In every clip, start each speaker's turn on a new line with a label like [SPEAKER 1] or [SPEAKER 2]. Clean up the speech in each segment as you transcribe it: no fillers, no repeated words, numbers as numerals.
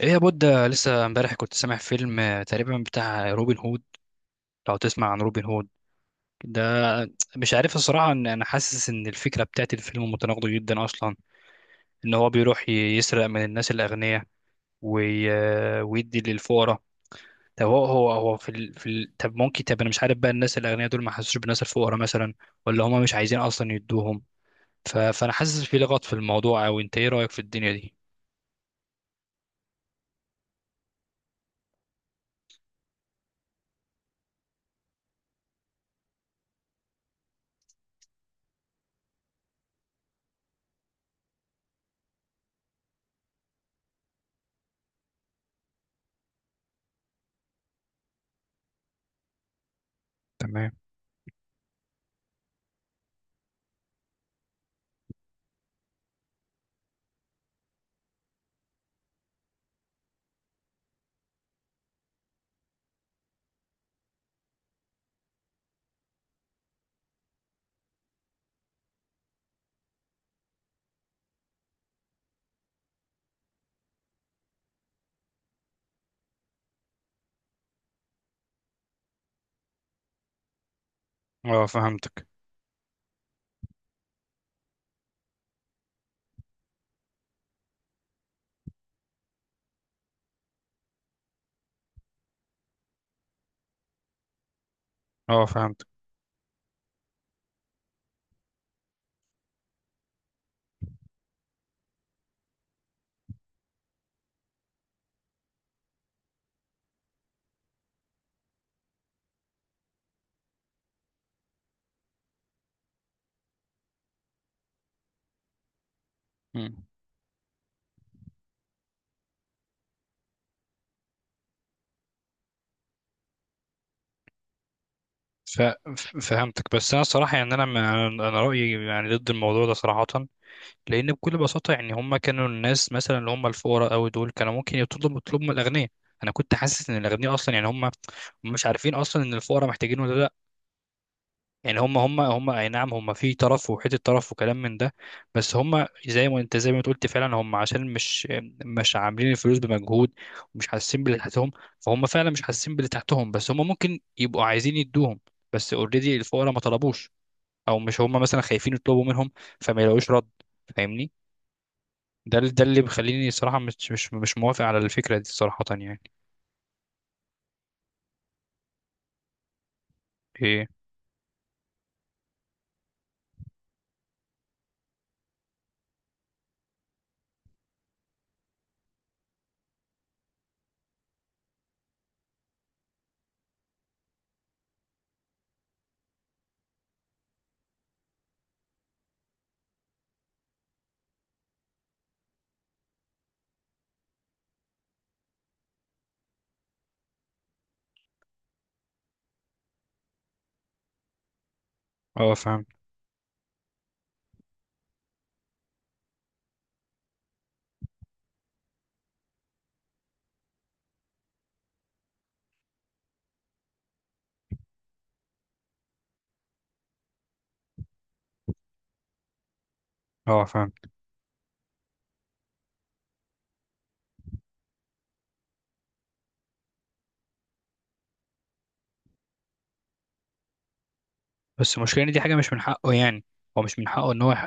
[SPEAKER 1] ايه يا بود، لسه امبارح كنت سامع فيلم تقريبا بتاع روبن هود. لو تسمع عن روبن هود ده. مش عارف الصراحة، ان انا حاسس ان الفكرة بتاعت الفيلم متناقضة جدا اصلا. ان هو بيروح يسرق من الناس الاغنياء وي... آه، ويدي للفقراء. طب هو طب ممكن، طب انا مش عارف بقى، الناس الاغنياء دول ما حسوش بالناس الفقراء مثلا، ولا هما مش عايزين اصلا يدوهم. فانا حاسس في لغط في الموضوع، او انت ايه رأيك في الدنيا دي؟ تمام. اه فهمتك. اه فهمتك. ف... فهمتك، بس انا صراحه يعني انا انا أنا رايي يعني ضد الموضوع ده صراحه. لان بكل بساطه يعني هم كانوا الناس مثلا اللي هم الفقراء قوي دول كانوا ممكن يطلبوا من الاغنياء. انا كنت حاسس ان الاغنياء اصلا يعني هم مش عارفين اصلا ان الفقراء محتاجين ولا لا. يعني هم اي نعم، هم في طرف وحته طرف وكلام من ده. بس هم زي ما أنت قلت فعلا، هم عشان مش عاملين الفلوس بمجهود، ومش حاسين باللي تحتهم. فهم فعلا مش حاسين باللي تحتهم، بس هم ممكن يبقوا عايزين يدوهم. بس اوريدي الفقراء ما طلبوش، او مش هم مثلا خايفين يطلبوا منهم فما يلاقوش رد. فاهمني؟ ده اللي بيخليني صراحه مش موافق على الفكره دي صراحه يعني. ايه؟ اه فاهم. اه فاهم. بس المشكلة إن دي حاجة مش من حقه يعني. هو مش من حقه ان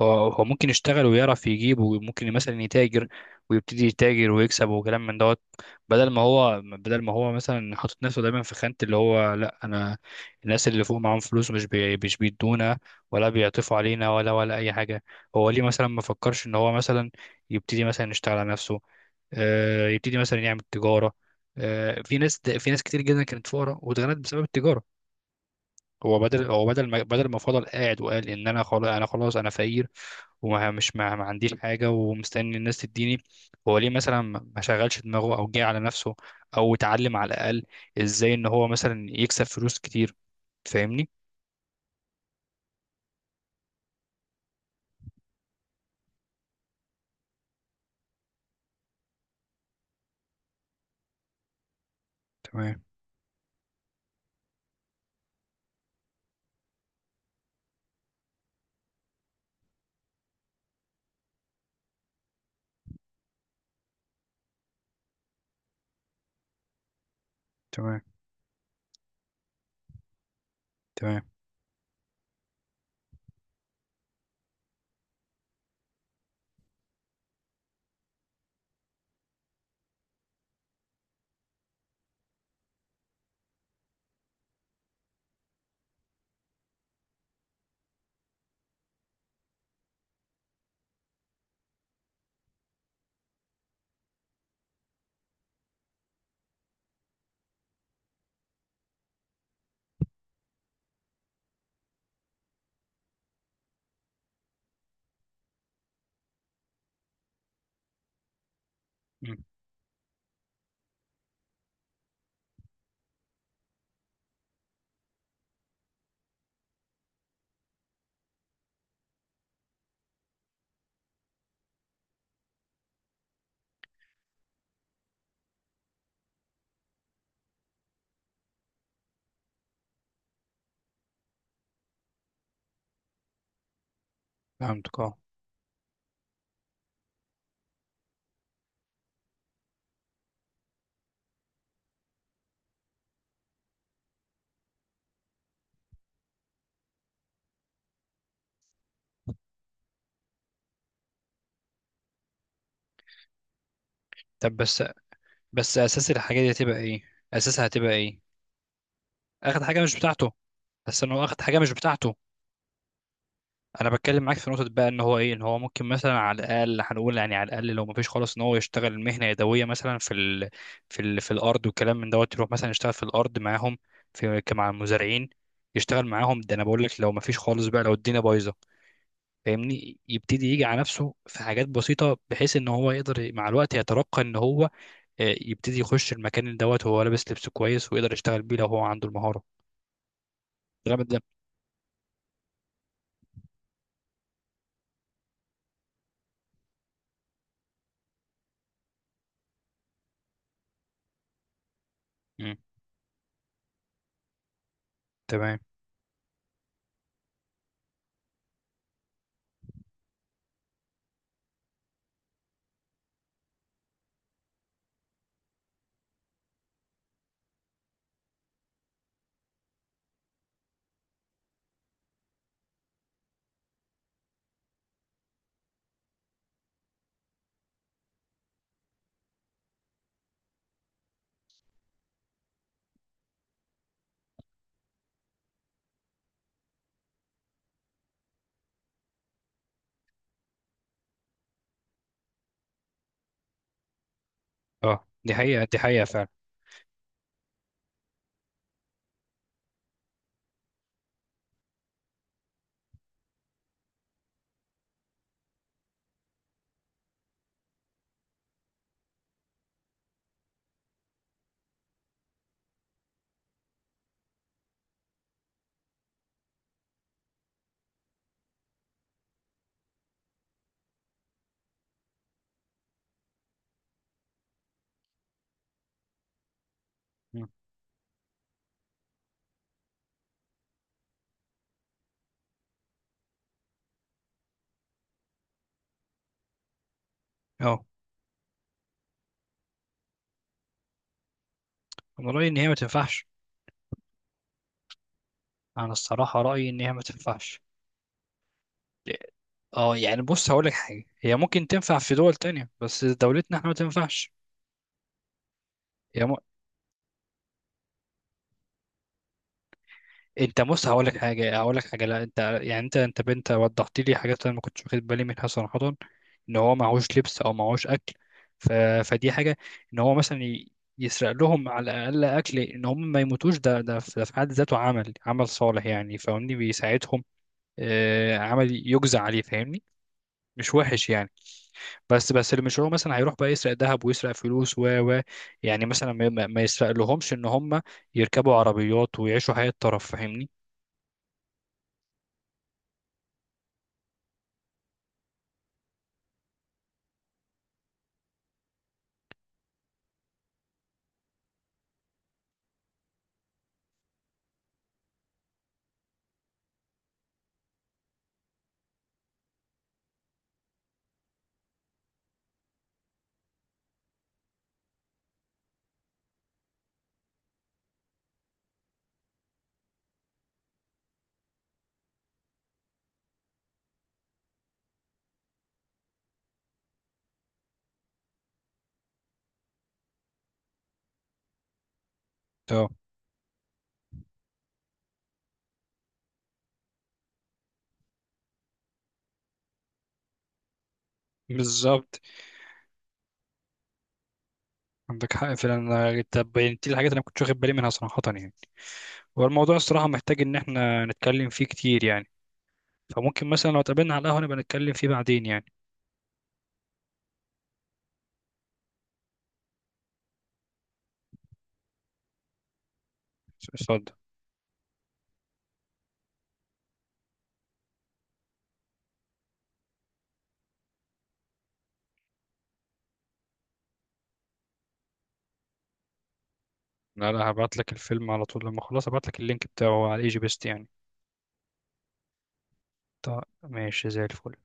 [SPEAKER 1] هو ممكن يشتغل ويعرف يجيب، وممكن مثلا يتاجر ويبتدي يتاجر ويكسب وكلام من دوت. بدل ما هو مثلا حاطط نفسه دايما في خانة اللي هو: لا انا الناس اللي فوق معاهم فلوس مش بيدونا ولا بيعطفوا علينا ولا اي حاجة. هو ليه مثلا ما فكرش ان هو مثلا يبتدي مثلا يشتغل على نفسه، يبتدي مثلا يعمل تجارة. في ناس كتير جدا كانت فقراء واتغنت بسبب التجارة. هو بدل ما فضل قاعد وقال ان انا خلاص انا فقير، ومش ما, ما عنديش حاجه ومستني الناس تديني. هو ليه مثلا ما شغلش دماغه او جه على نفسه، او اتعلم على الاقل ازاي ان هو مثلا يكسب فلوس كتير. فاهمني؟ تمام. تمام. تمام. مم، فهمتك اه. طب بس اساس الحاجه دي هتبقى ايه؟ اساسها هتبقى ايه؟ اخد حاجه مش بتاعته. بس انه اخد حاجه مش بتاعته. انا بتكلم معاك في نقطه بقى، ان هو ايه، ان هو ممكن مثلا على الاقل هنقول، يعني على الاقل لو ما فيش خالص، ان هو يشتغل مهنه يدويه مثلا في الارض والكلام من دوت. يروح مثلا يشتغل في الارض معاهم، في مع المزارعين، يشتغل معاهم. ده انا بقول لك لو ما فيش خالص بقى، لو الدنيا بايظه. فاهمني؟ يبتدي يجي على نفسه في حاجات بسيطه بحيث ان هو يقدر مع الوقت يترقى، ان هو يبتدي يخش المكان اللي دوت وهو لابس لبس كويس، ويقدر يشتغل بيه لو هو عنده المهاره. ده ده- مم، تمام. اه دي حقيقه، دي حقيقه فعلا. مم. اه انا رايي ان هي ما تنفعش. انا الصراحه رايي ان هي ما تنفعش. اه يعني بص هقول لك حاجه، هي ممكن تنفع في دول تانية بس دولتنا احنا ما تنفعش. هي م... انت بص، هقول لك حاجه، هقول لك حاجه، لا انت يعني انت بنت وضحت لي حاجات انا ما كنتش واخد بالي منها صراحه. ان هو معهوش لبس او معهوش اكل. ف... فدي حاجه، ان هو مثلا يسرق لهم على الاقل اكل ان هم ما يموتوش. ده في حد ذاته عمل صالح يعني، فاهمني؟ بيساعدهم. عمل يجزى عليه، فاهمني؟ مش وحش يعني. بس اللي مش هو مثلا هيروح بقى يسرق ذهب ويسرق فلوس و يعني مثلا ما يسرق لهمش ان هم يركبوا عربيات ويعيشوا حياة طرف. فاهمني؟ اه بالظبط. عندك حق فعلا. انت بينتي الحاجات اللي انا كنت واخد بالي منها صراحة يعني. والموضوع الصراحة محتاج ان احنا نتكلم فيه كتير يعني. فممكن مثلا لو اتقابلنا على القهوة نبقى نتكلم فيه بعدين يعني. اتفضل. لا لا، هبعت لك الفيلم على طول، لما اخلص هبعت لك اللينك بتاعه على ايجي بيست يعني. طيب ماشي، زي الفل.